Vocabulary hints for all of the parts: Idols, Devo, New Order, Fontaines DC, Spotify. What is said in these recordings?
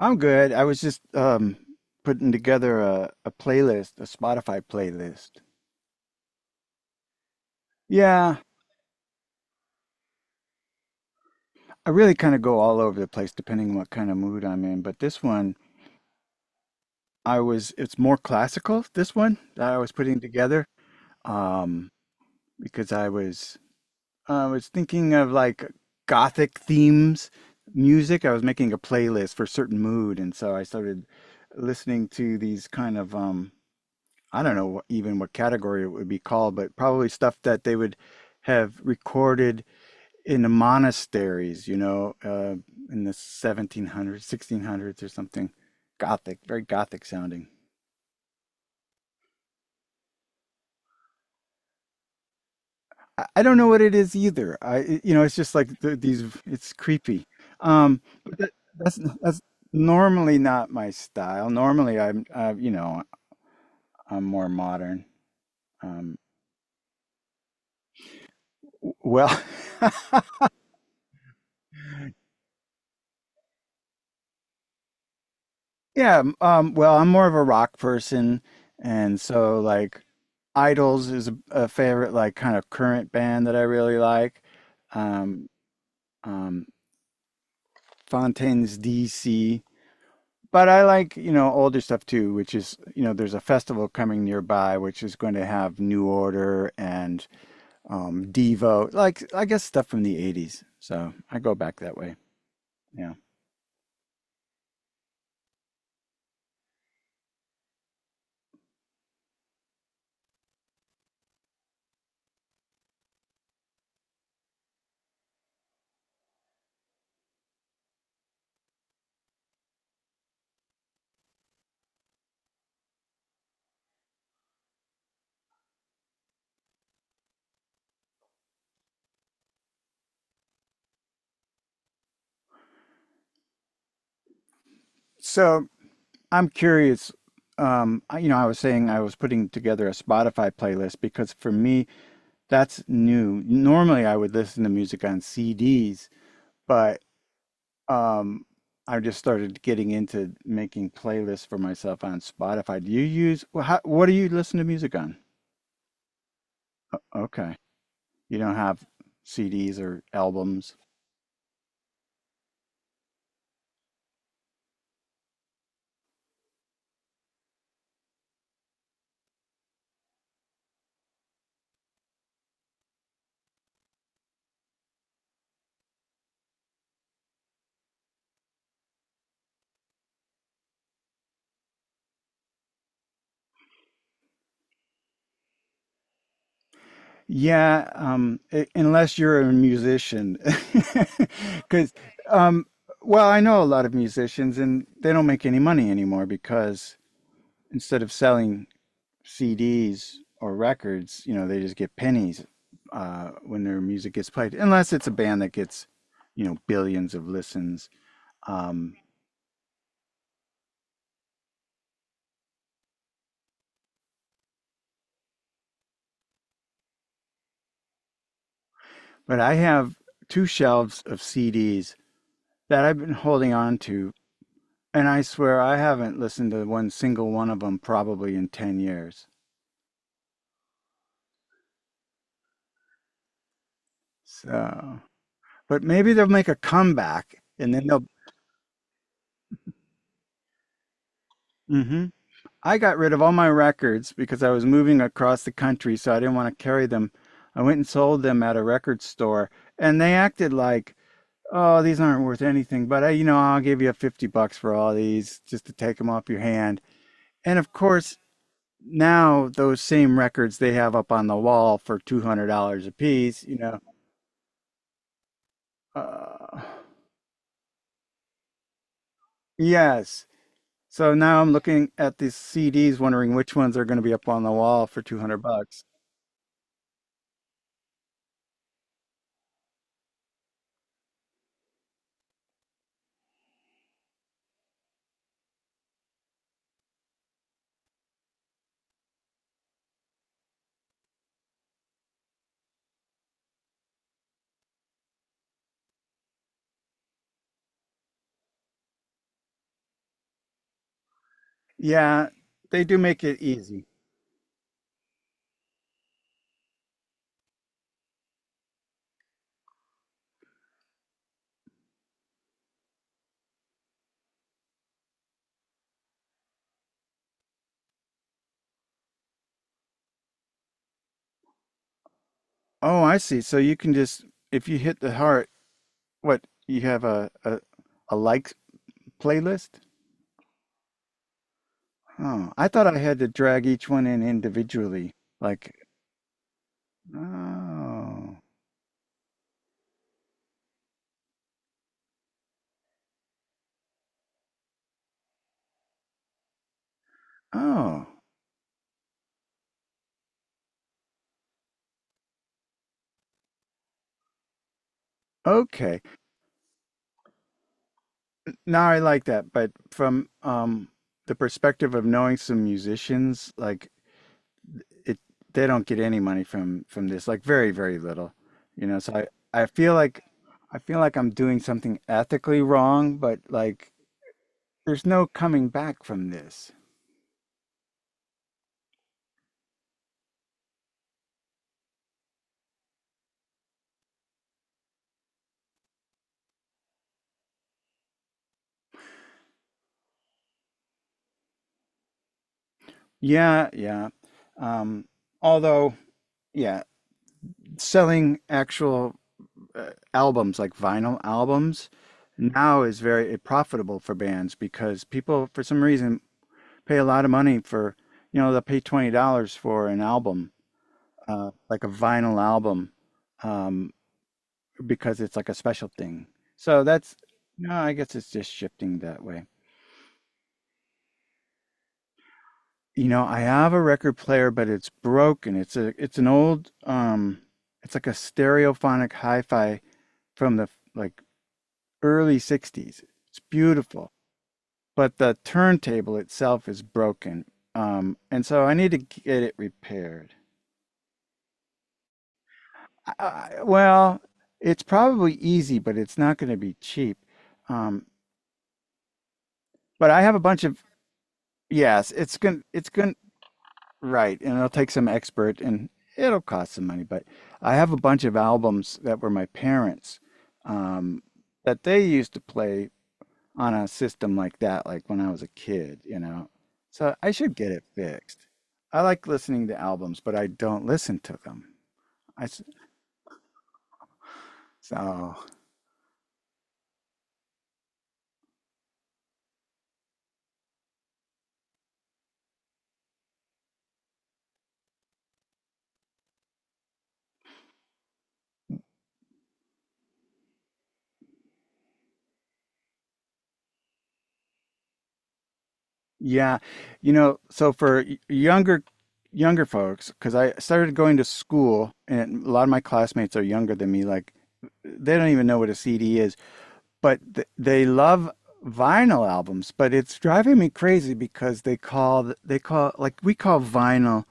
I'm good. I was just putting together a playlist, a Spotify playlist. Yeah, I really kind of go all over the place depending on what kind of mood I'm in, but this one I was it's more classical, this one that I was putting together um because I was thinking of like gothic themes music. I was making a playlist for a certain mood and so I started listening to these kind of I don't know even what category it would be called, but probably stuff that they would have recorded in the monasteries, you know, in the 1700s, 1600s or something. Gothic, very Gothic sounding. I don't know what it is either. I it's just like it's creepy. Um, but that, that's normally not my style. Normally I'm, you know, I'm more modern. Um, well, Yeah, I'm more of a rock person, and so like Idols is a favorite like kind of current band that I really like. Um, um, Fontaines DC, but I like, you know, older stuff too, which is, you know, there's a festival coming nearby which is going to have New Order and Devo, like I guess stuff from the 80s. So, I go back that way. Yeah. So, I'm curious. You know, I was saying I was putting together a Spotify playlist because for me, that's new. Normally, I would listen to music on CDs, but um, I just started getting into making playlists for myself on Spotify. Do you use, what do you listen to music on? Okay. You don't have CDs or albums. Yeah, unless you're a musician, because um, well, I know a lot of musicians, and they don't make any money anymore because instead of selling CDs or records, you know, they just get pennies when their music gets played, unless it's a band that gets, you know, billions of listens. Um, but I have two shelves of CDs that I've been holding on to, and I swear I haven't listened to one single one of them probably in 10 years. So, but maybe they'll make a comeback and then they'll. hmm I got rid of all my records because I was moving across the country, so I didn't want to carry them. I went and sold them at a record store, and they acted like, "Oh, these aren't worth anything, but I, you know, I'll give you $50 for all these just to take them off your hand." And of course, now those same records they have up on the wall for $200 a piece, you know. Uh, yes. So now I'm looking at these CDs, wondering which ones are going to be up on the wall for 200 bucks. Yeah, they do make it easy. Oh, I see. So if you hit the heart, what, you have a like playlist? Oh, I thought I had to drag each one in individually. Like, oh, oh, okay. Now I like that, but from the perspective of knowing some musicians, like it they don't get any money from this, like very, very little. You know, so I feel like I feel like I'm doing something ethically wrong, but like there's no coming back from this. Yeah, yeah. Um, although, yeah, selling actual albums like vinyl albums now is very profitable for bands because people, for some reason, pay a lot of money for, you know, they'll pay $20 for an album like a vinyl album um, because it's like a special thing. So that's no, I guess it's just shifting that way. You know, I have a record player, but it's broken. It's an old it's like a stereophonic hi-fi from the like early '60s. It's beautiful, but the turntable itself is broken, and so I need to get it repaired. Well, it's probably easy, but it's not going to be cheap. Um, But I have a bunch of yes. It's going to right, and it'll take some expert, and it'll cost some money. But I have a bunch of albums that were my parents' um, that they used to play on a system like that, like when I was a kid, you know. So I should get it fixed. I like listening to albums, but I don't listen to them. I s- so Yeah. You know, so for younger folks, because I started going to school and a lot of my classmates are younger than me, like they don't even know what a CD is, but th they love vinyl albums, but it's driving me crazy because they call like we call vinyl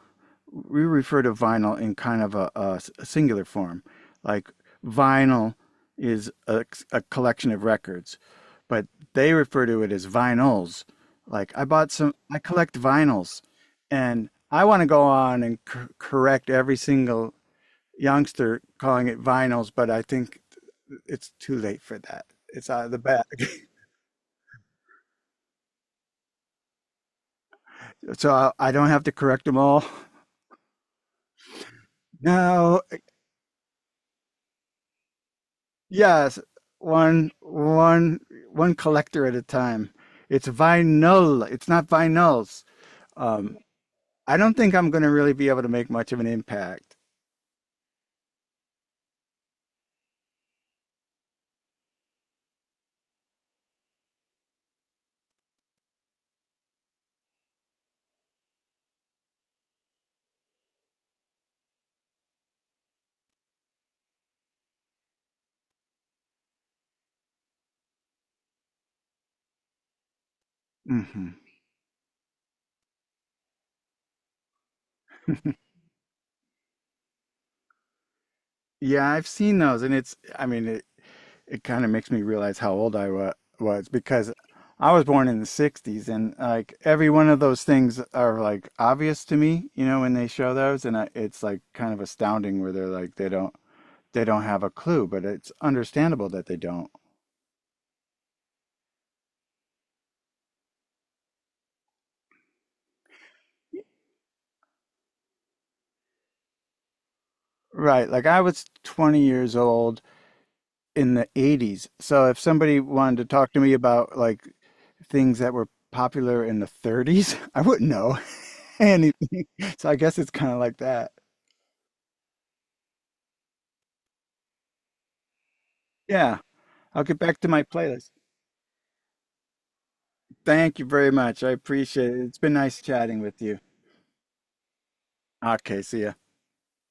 we refer to vinyl in kind of a singular form. Like vinyl is a collection of records, but they refer to it as vinyls. Like I bought some, I collect vinyls, and I want to go on and correct every single youngster calling it vinyls, but I think it's too late for that. It's out of the bag. So don't have to correct them all now. Yes, one one one collector at a time. It's vinyl. It's not vinyls. Um, I don't think I'm gonna really be able to make much of an impact. Hmm. Yeah, I've seen those, and it's. I mean, it kind of makes me realize how old I wa was because I was born in the '60s, and like every one of those things are like obvious to me, you know, when they show those, and it's like kind of astounding where they're like they don't have a clue, but it's understandable that they don't. Right. Like I was 20 years old in the 80s. So if somebody wanted to talk to me about like things that were popular in the 30s, I wouldn't know anything. So I guess it's kind of like that. Yeah. I'll get back to my playlist. Thank you very much. I appreciate it. It's been nice chatting with you. Okay. See ya.